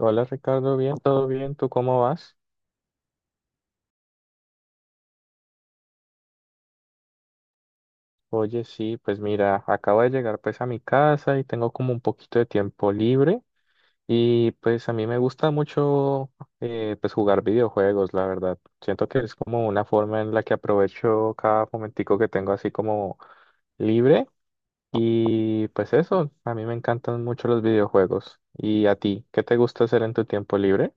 Hola Ricardo, bien, todo bien, ¿tú cómo vas? Oye, sí, pues mira, acabo de llegar pues a mi casa y tengo como un poquito de tiempo libre y pues a mí me gusta mucho pues jugar videojuegos, la verdad. Siento que es como una forma en la que aprovecho cada momentico que tengo así como libre y pues eso, a mí me encantan mucho los videojuegos. ¿Y a ti? ¿Qué te gusta hacer en tu tiempo libre?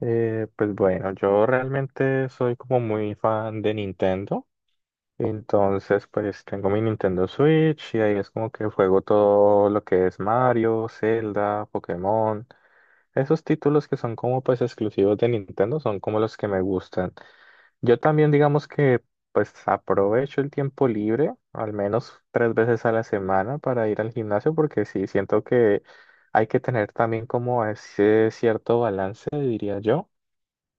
Pues bueno, yo realmente soy como muy fan de Nintendo. Entonces, pues tengo mi Nintendo Switch y ahí es como que juego todo lo que es Mario, Zelda, Pokémon. Esos títulos que son como pues exclusivos de Nintendo son como los que me gustan. Yo también digamos que pues aprovecho el tiempo libre al menos 3 veces a la semana para ir al gimnasio porque sí, siento que hay que tener también como ese cierto balance, diría yo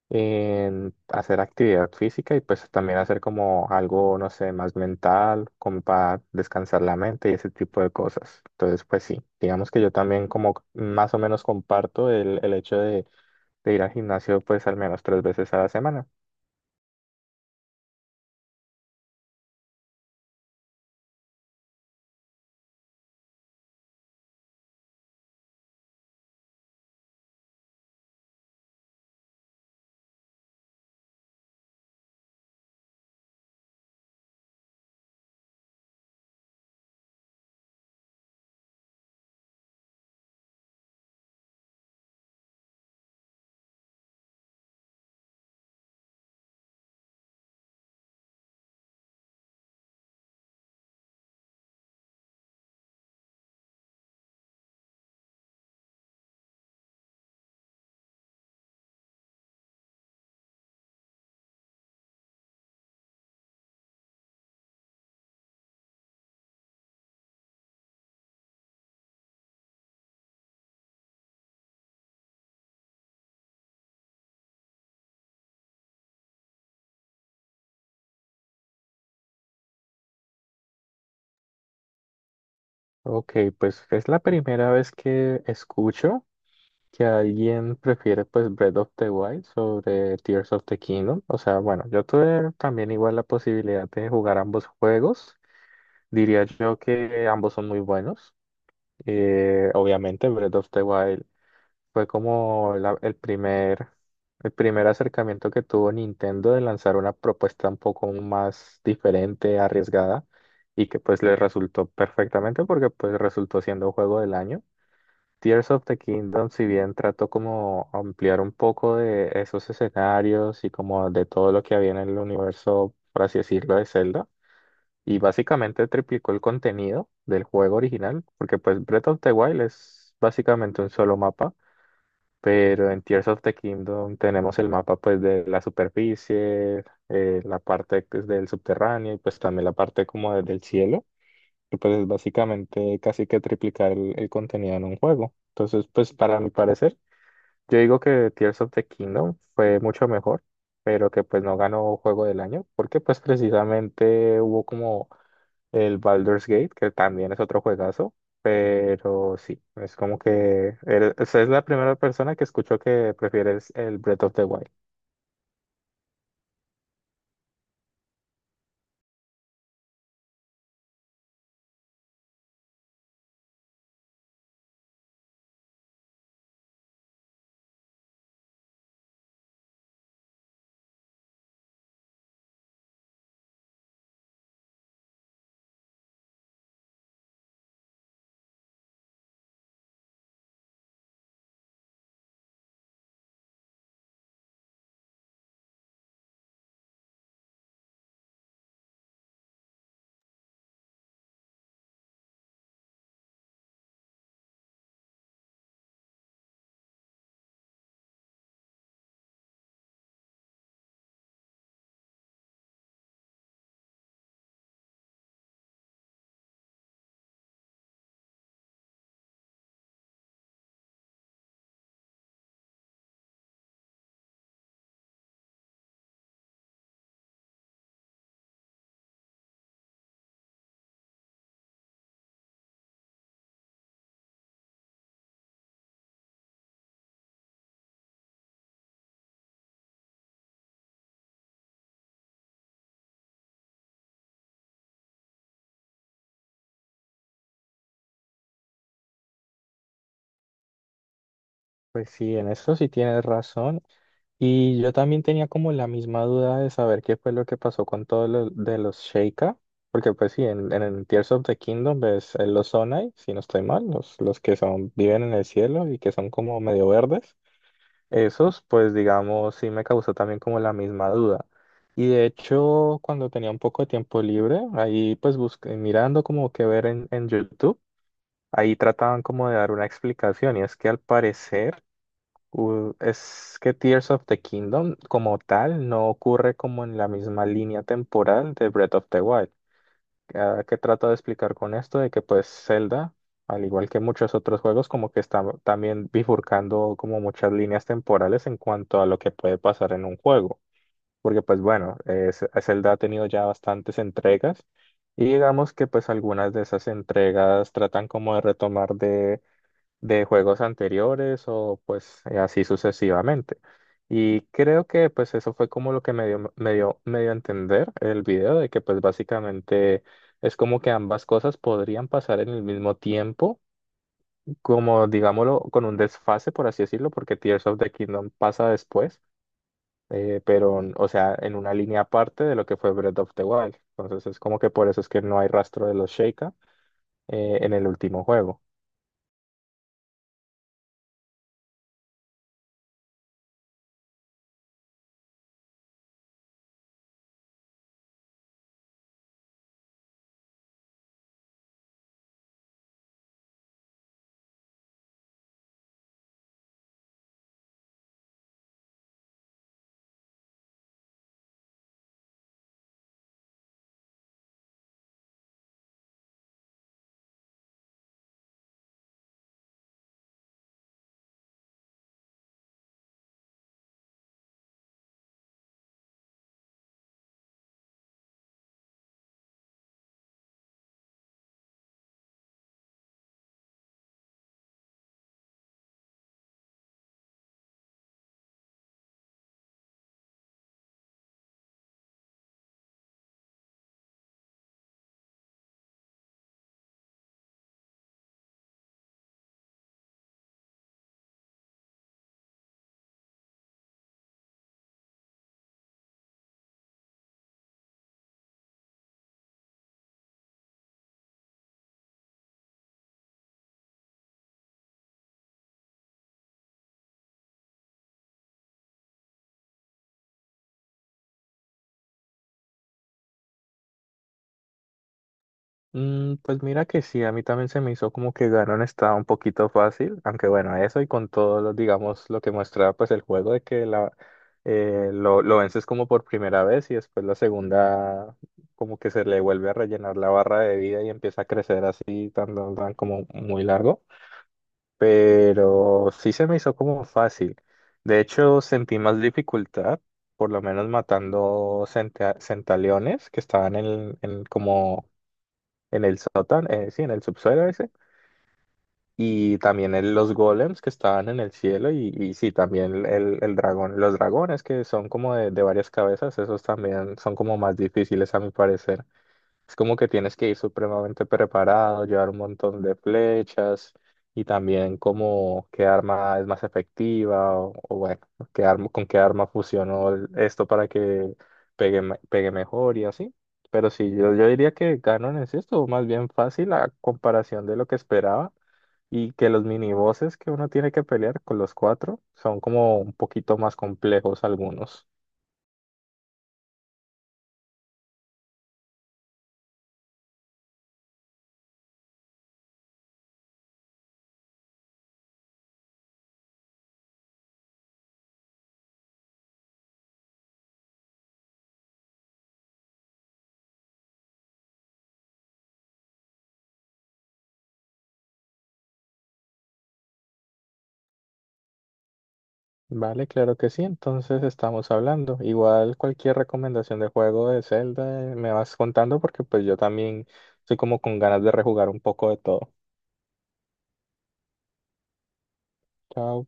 en hacer actividad física y pues también hacer como algo, no sé, más mental, como para descansar la mente y ese tipo de cosas. Entonces, pues sí, digamos que yo también como más o menos comparto el hecho de ir al gimnasio pues al menos 3 veces a la semana. Ok, pues es la primera vez que escucho que alguien prefiere pues Breath of the Wild sobre Tears of the Kingdom. O sea, bueno, yo tuve también igual la posibilidad de jugar ambos juegos. Diría yo que ambos son muy buenos. Obviamente, Breath of the Wild fue como el primer acercamiento que tuvo Nintendo de lanzar una propuesta un poco más diferente, arriesgada, y que pues le resultó perfectamente porque pues resultó siendo juego del año. Tears of the Kingdom, si bien trató como ampliar un poco de esos escenarios y como de todo lo que había en el universo, por así decirlo, de Zelda y básicamente triplicó el contenido del juego original, porque pues Breath of the Wild es básicamente un solo mapa, pero en Tears of the Kingdom tenemos el mapa pues de la superficie, la parte pues, del subterráneo y pues también la parte del cielo, y pues es básicamente casi que triplicar el contenido en un juego. Entonces pues para mi parecer, yo digo que Tears of the Kingdom fue mucho mejor, pero que pues no ganó juego del año, porque pues precisamente hubo como el Baldur's Gate, que también es otro juegazo, pero sí, es como que o sea, es la primera persona que escucho que prefieres el Breath of the Wild. Pues sí, en eso sí tienes razón. Y yo también tenía como la misma duda de saber qué fue lo que pasó con todos los de los Sheikah, porque pues sí, en el Tears of the Kingdom ves los Sonai, si no estoy mal, los que son, viven en el cielo y que son como medio verdes. Esos, pues digamos, sí me causó también como la misma duda. Y de hecho, cuando tenía un poco de tiempo libre, ahí pues busqué, mirando como que ver en YouTube, ahí trataban como de dar una explicación y es que al parecer es que Tears of the Kingdom como tal no ocurre como en la misma línea temporal de Breath of the Wild. ¿A ¿Qué trato de explicar con esto? De que pues Zelda, al igual que muchos otros juegos, como que está también bifurcando como muchas líneas temporales en cuanto a lo que puede pasar en un juego. Porque pues bueno, Zelda ha tenido ya bastantes entregas y digamos que pues algunas de esas entregas tratan como de retomar de juegos anteriores o pues así sucesivamente. Y creo que pues eso fue como lo que me dio a entender el video de que pues básicamente es como que ambas cosas podrían pasar en el mismo tiempo, como digámoslo, con un desfase, por así decirlo, porque Tears of the Kingdom pasa después, pero o sea, en una línea aparte de lo que fue Breath of the Wild. Entonces es como que por eso es que no hay rastro de los Sheikah en el último juego. Mm, pues mira que sí, a mí también se me hizo como que Ganon estaba un poquito fácil, aunque bueno, eso y con todo, digamos, lo que muestra pues el juego de que lo vences como por primera vez y después la segunda como que se le vuelve a rellenar la barra de vida y empieza a crecer así, tan, tan, tan como muy largo, pero sí se me hizo como fácil. De hecho, sentí más dificultad, por lo menos matando centaleones que estaban en como en el sótano, sí, en el subsuelo ese, y también en los golems que estaban en el cielo, y sí, también el dragón, los dragones que son como de varias cabezas, esos también son como más difíciles a mi parecer. Es como que tienes que ir supremamente preparado, llevar un montón de flechas y también como qué arma es más efectiva o bueno, qué arma, con qué arma fusionó esto para que pegue, pegue mejor y así. Pero sí, yo diría que Ganon es esto, más bien fácil a comparación de lo que esperaba y que los minibosses que uno tiene que pelear con los cuatro son como un poquito más complejos algunos. Vale, claro que sí, entonces estamos hablando. Igual cualquier recomendación de juego de Zelda me vas contando porque pues yo también estoy como con ganas de rejugar un poco de todo. Chao.